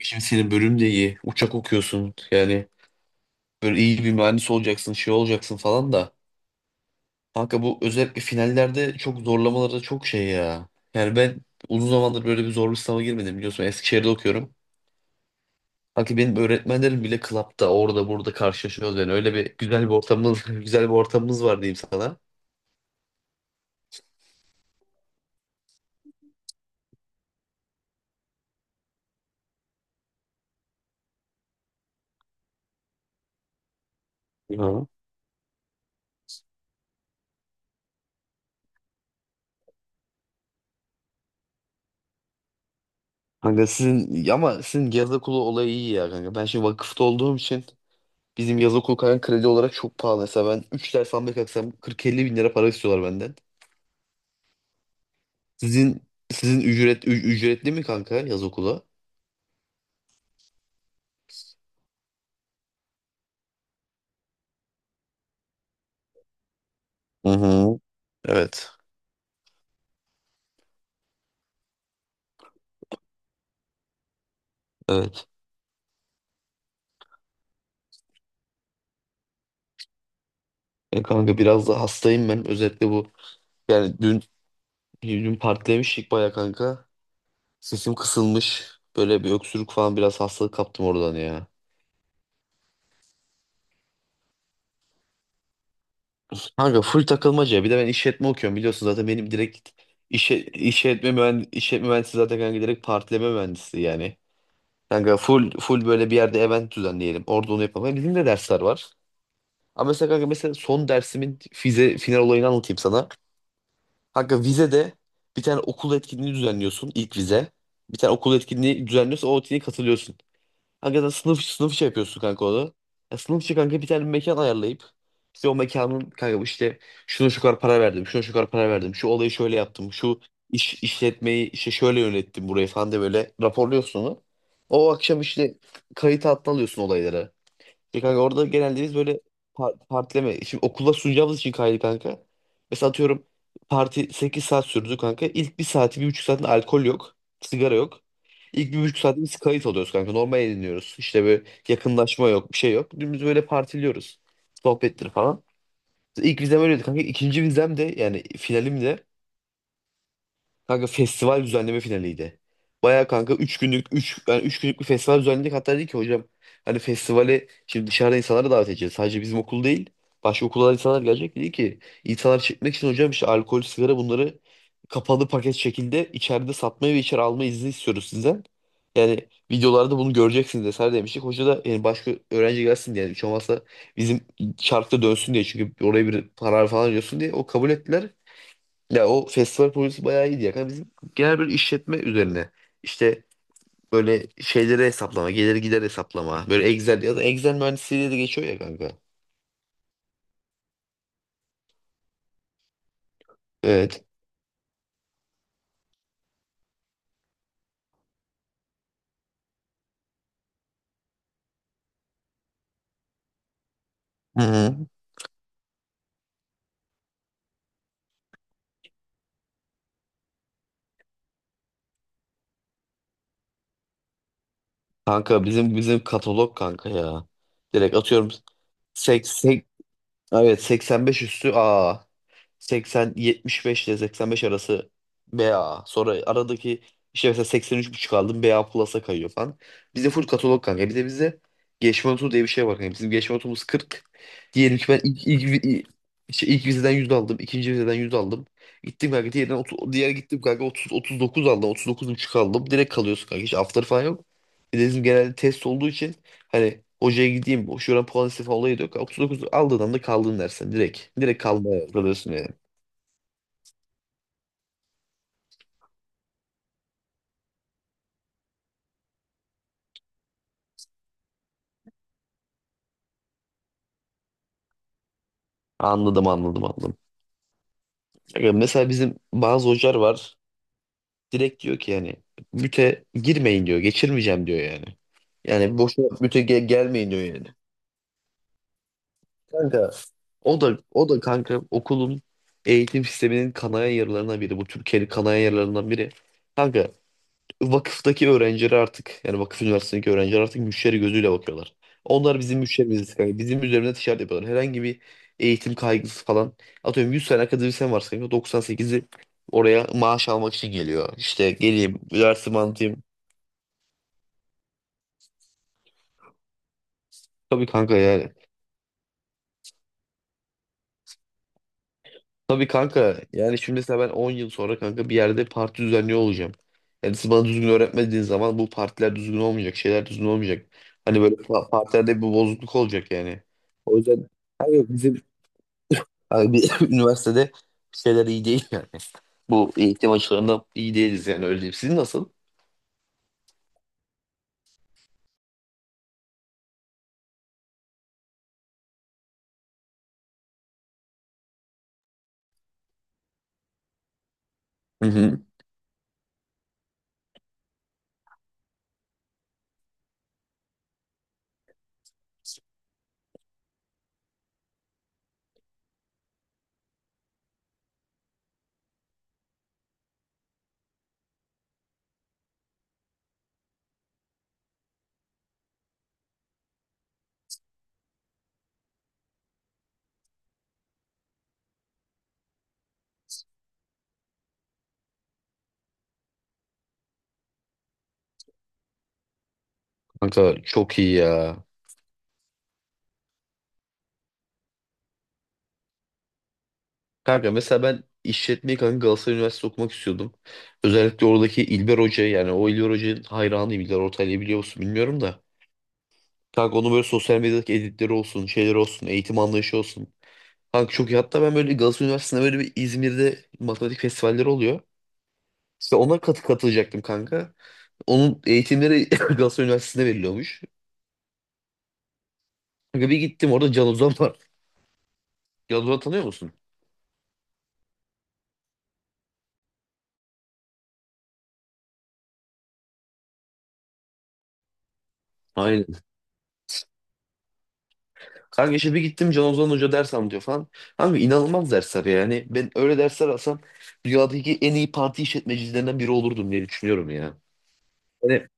Şimdi senin bölüm de iyi. Uçak okuyorsun. Yani böyle iyi bir mühendis olacaksın, şey olacaksın falan da. Kanka bu özellikle finallerde çok zorlamaları çok şey ya. Yani ben uzun zamandır böyle bir zorlu sınava girmedim biliyorsun. Eskişehir'de okuyorum. Kanka benim öğretmenlerim bile klapta orada burada karşılaşıyoruz yani. Öyle bir güzel bir ortamımız, güzel bir ortamımız var diyeyim sana. Hı. Kanka sizin ama sizin yaz okulu olayı iyi ya kanka. Ben şimdi vakıfta olduğum için bizim yaz okulu kanka kredi olarak çok pahalı. Mesela ben 3 ders almaya kalksam 40-50 bin lira para istiyorlar benden. Sizin sizin ücretli mi kanka yaz okula? Hı hı. Evet. Evet. E kanka biraz da hastayım ben. Özellikle bu yani dün partilemiştik baya kanka. Sesim kısılmış. Böyle bir öksürük falan biraz hastalık kaptım oradan ya. Kanka full takılmaca. Bir de ben işletme okuyorum biliyorsun zaten benim direkt işletme mühendisi zaten kanka direkt partileme mühendisi yani. Kanka full böyle bir yerde event düzenleyelim. Orada onu yapalım. Bizim de dersler var. Ama mesela kanka mesela son dersimin vize final olayını anlatayım sana. Kanka vizede bir tane okul etkinliği düzenliyorsun ilk vize. Bir tane okul etkinliği düzenliyorsun o etkinliğe katılıyorsun. Kanka sen sınıf işi yapıyorsun kanka onu. Ya sınıf işi kanka bir tane mekan ayarlayıp işte o mekanın kanka bu işte şuna şu kadar para verdim, şuna şu kadar para verdim, şu olayı şöyle yaptım, şu işletmeyi işte şöyle yönettim burayı falan diye böyle raporluyorsun onu. O akşam işte kayıt altına alıyorsun olayları. Ya kanka orada genelde biz böyle partileme. Şimdi okula sunacağımız için kaydı kanka. Mesela atıyorum parti 8 saat sürdü kanka. İlk bir saati, bir buçuk saatinde alkol yok. Sigara yok. İlk bir buçuk saatte biz kayıt alıyoruz kanka. Normal eğleniyoruz. İşte böyle yakınlaşma yok, bir şey yok. Dümdüz böyle partiliyoruz. Sohbettir falan. İlk vizem öyleydi kanka. İkinci vizem de yani finalim de kanka festival düzenleme finaliydi. Baya kanka 3 günlük 3 yani 3 günlük bir festival düzenledik. Hatta dedi ki hocam hani festivale şimdi dışarıda insanları davet edeceğiz. Sadece bizim okul değil. Başka okullardan insanlar gelecek. Dedi ki insanlar çekmek için hocam işte alkol, sigara bunları kapalı paket şekilde içeride satmayı ve içeri alma izni istiyoruz sizden. Yani videolarda bunu göreceksiniz vesaire demiştik. Hoca da yani başka öğrenci gelsin diye. Yani hiç olmazsa bizim çarkta dönsün diye. Çünkü oraya bir karar falan diyorsun diye. O kabul ettiler. Ya o festival projesi bayağı iyiydi ya. Kanka bizim genel bir işletme üzerine. İşte böyle şeyleri hesaplama, gelir gider hesaplama. Böyle Excel ya da Excel mühendisliği diye de geçiyor ya kanka. Evet. Hı hı. Kanka bizim katalog kanka ya. Direkt atıyorum sek, sek, evet 85 üstü A. 80-75 ile 85 arası BA. Sonra aradaki işte mesela seksen üç buçuk aldım BA Plus'a kayıyor falan. Bizde full katalog kanka. Bir de bizde geçme notu diye bir şey var kanka. Bizim geçme notumuz 40. Diyelim ki ben işte ilk vizeden 100 aldım. İkinci vizeden 100 aldım. Gittim kanka diğerden 30, diğer gittim kanka 30, 39 aldım. 39,5 aldım. Direkt kalıyorsun kanka. Hiç after falan yok. Bir de bizim genelde test olduğu için hani hocaya gideyim şuradan puan istifa olayı da yok. 39 aldığın anda kaldın dersen direkt. Direkt kalmaya kalıyorsun yani. Anladım anladım anladım. Ya mesela bizim bazı hocalar var. Direkt diyor ki yani müte girmeyin diyor. Geçirmeyeceğim diyor yani. Yani boşuna müte gelmeyin diyor yani. Kanka o da kanka okulun eğitim sisteminin kanayan yaralarından biri. Bu Türkiye'nin kanayan yaralarından biri. Kanka vakıftaki öğrenciler artık yani vakıf üniversitesindeki öğrenciler artık müşteri gözüyle bakıyorlar. Onlar bizim müşterimiz. Yani bizim üzerinde ticaret yapıyorlar. Herhangi bir eğitim kaygısı falan. Atıyorum 100 tane akademisyen varsa kanka, 98'i oraya maaş almak için geliyor. İşte geleyim, üniversite mantığım. Tabii kanka yani. Tabii kanka yani şimdi mesela ben 10 yıl sonra kanka bir yerde parti düzenliyor olacağım. Yani siz bana düzgün öğretmediğiniz zaman bu partiler düzgün olmayacak, şeyler düzgün olmayacak. Hani böyle partilerde bir bozukluk olacak yani. O yüzden hayır, bizim abi bir üniversitede şeyler iyi değil yani. Bu eğitim açılarında iyi değiliz yani öyle diyeyim. Sizin nasıl? Hı hı. Kanka çok iyi ya. Kanka mesela ben işletmeyi kanka Galatasaray Üniversitesi okumak istiyordum. Özellikle oradaki İlber Hoca yani o İlber Hoca'nın hayranıyım. İlber Ortaylı'yı biliyor musun bilmiyorum da. Kanka onun böyle sosyal medyadaki editleri olsun, şeyleri olsun, eğitim anlayışı olsun. Kanka çok iyi. Hatta ben böyle Galatasaray Üniversitesi'nde böyle bir İzmir'de matematik festivalleri oluyor. İşte ona katılacaktım kanka. Onun eğitimleri Galatasaray Üniversitesi'nde veriliyormuş. Kanka bir gittim orada Can Ozan var. Can Ozan'ı tanıyor musun? Aynen. Kanka işte bir gittim Can Ozan Hoca ders anlatıyor falan. Kanka inanılmaz dersler yani. Ben öyle dersler alsam dünyadaki en iyi parti işletmecilerinden biri olurdum diye düşünüyorum ya. Yani,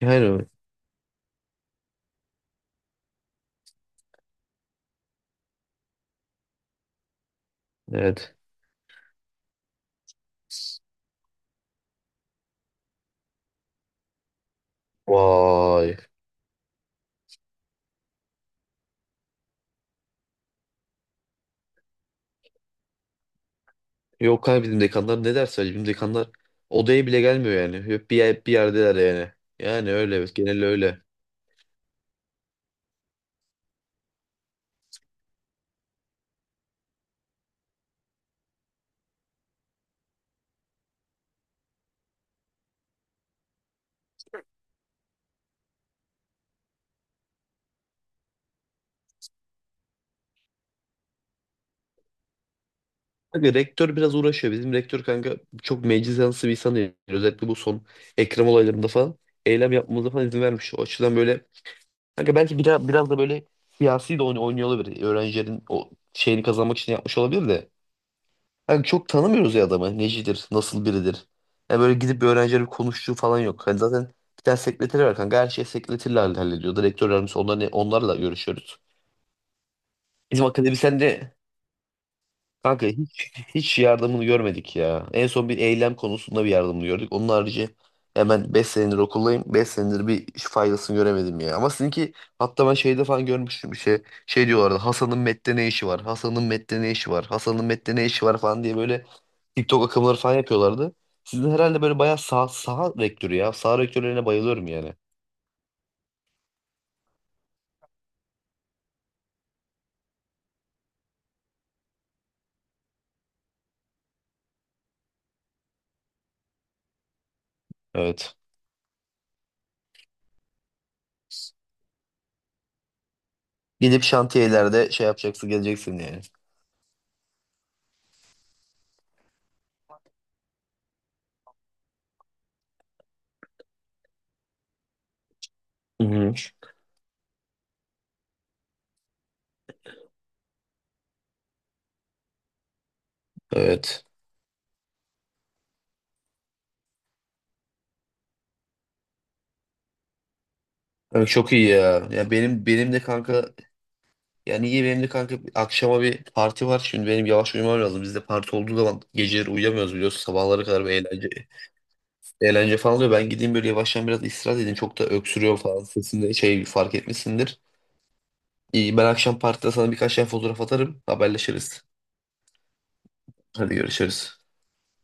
yani evet. Vay. Yok kanka bizim dekanlar ne ders verecek? Bizim dekanlar odaya bile gelmiyor yani. Hep bir, bir yerdeler yani. Yani öyle evet genel öyle. Kanka rektör biraz uğraşıyor. Bizim rektör kanka çok meclis yanlısı bir insan değil. Özellikle bu son Ekrem olaylarında falan eylem yapmamıza falan izin vermiş. O açıdan böyle kanka belki biraz da böyle siyasi de oynuyor olabilir. Öğrencilerin o şeyini kazanmak için yapmış olabilir de. Hani çok tanımıyoruz ya adamı. Necidir, nasıl biridir. Yani böyle gidip bir öğrencilerle bir konuştuğu falan yok. Hani zaten bir tane sekreteri var kanka. Her şey sekreterle hallediyor. Rektör yardımcısı onlarla görüşüyoruz. Bizim akademisyen de kanka hiç yardımını görmedik ya. En son bir eylem konusunda bir yardımını gördük. Onun harici hemen 5 senedir okuldayım. 5 senedir bir faydasını göremedim ya. Ama sizinki hatta ben şeyde falan görmüştüm bir şey. Şey diyorlardı Hasan'ın Met'te ne işi var? Hasan'ın Met'te ne işi var? Hasan'ın Met'te ne işi var falan diye böyle TikTok akımları falan yapıyorlardı. Sizin herhalde böyle bayağı saha rektörü ya. Saha rektörlerine bayılıyorum yani. Evet. Gidip şantiyelerde şey yapacaksın geleceksin yani. Hı hı. Evet. Evet, çok iyi ya. Ya benim de kanka yani iyi benim de kanka akşama bir parti var. Şimdi benim yavaş uyumam lazım. Bizde parti olduğu zaman geceleri uyuyamıyoruz biliyorsun. Sabahlara kadar bir eğlence falan oluyor. Ben gideyim böyle yavaştan biraz istirahat edeyim. Çok da öksürüyorum falan sesinde şey fark etmişsindir. İyi, ben akşam partide sana birkaç tane fotoğraf atarım. Haberleşiriz. Hadi görüşürüz.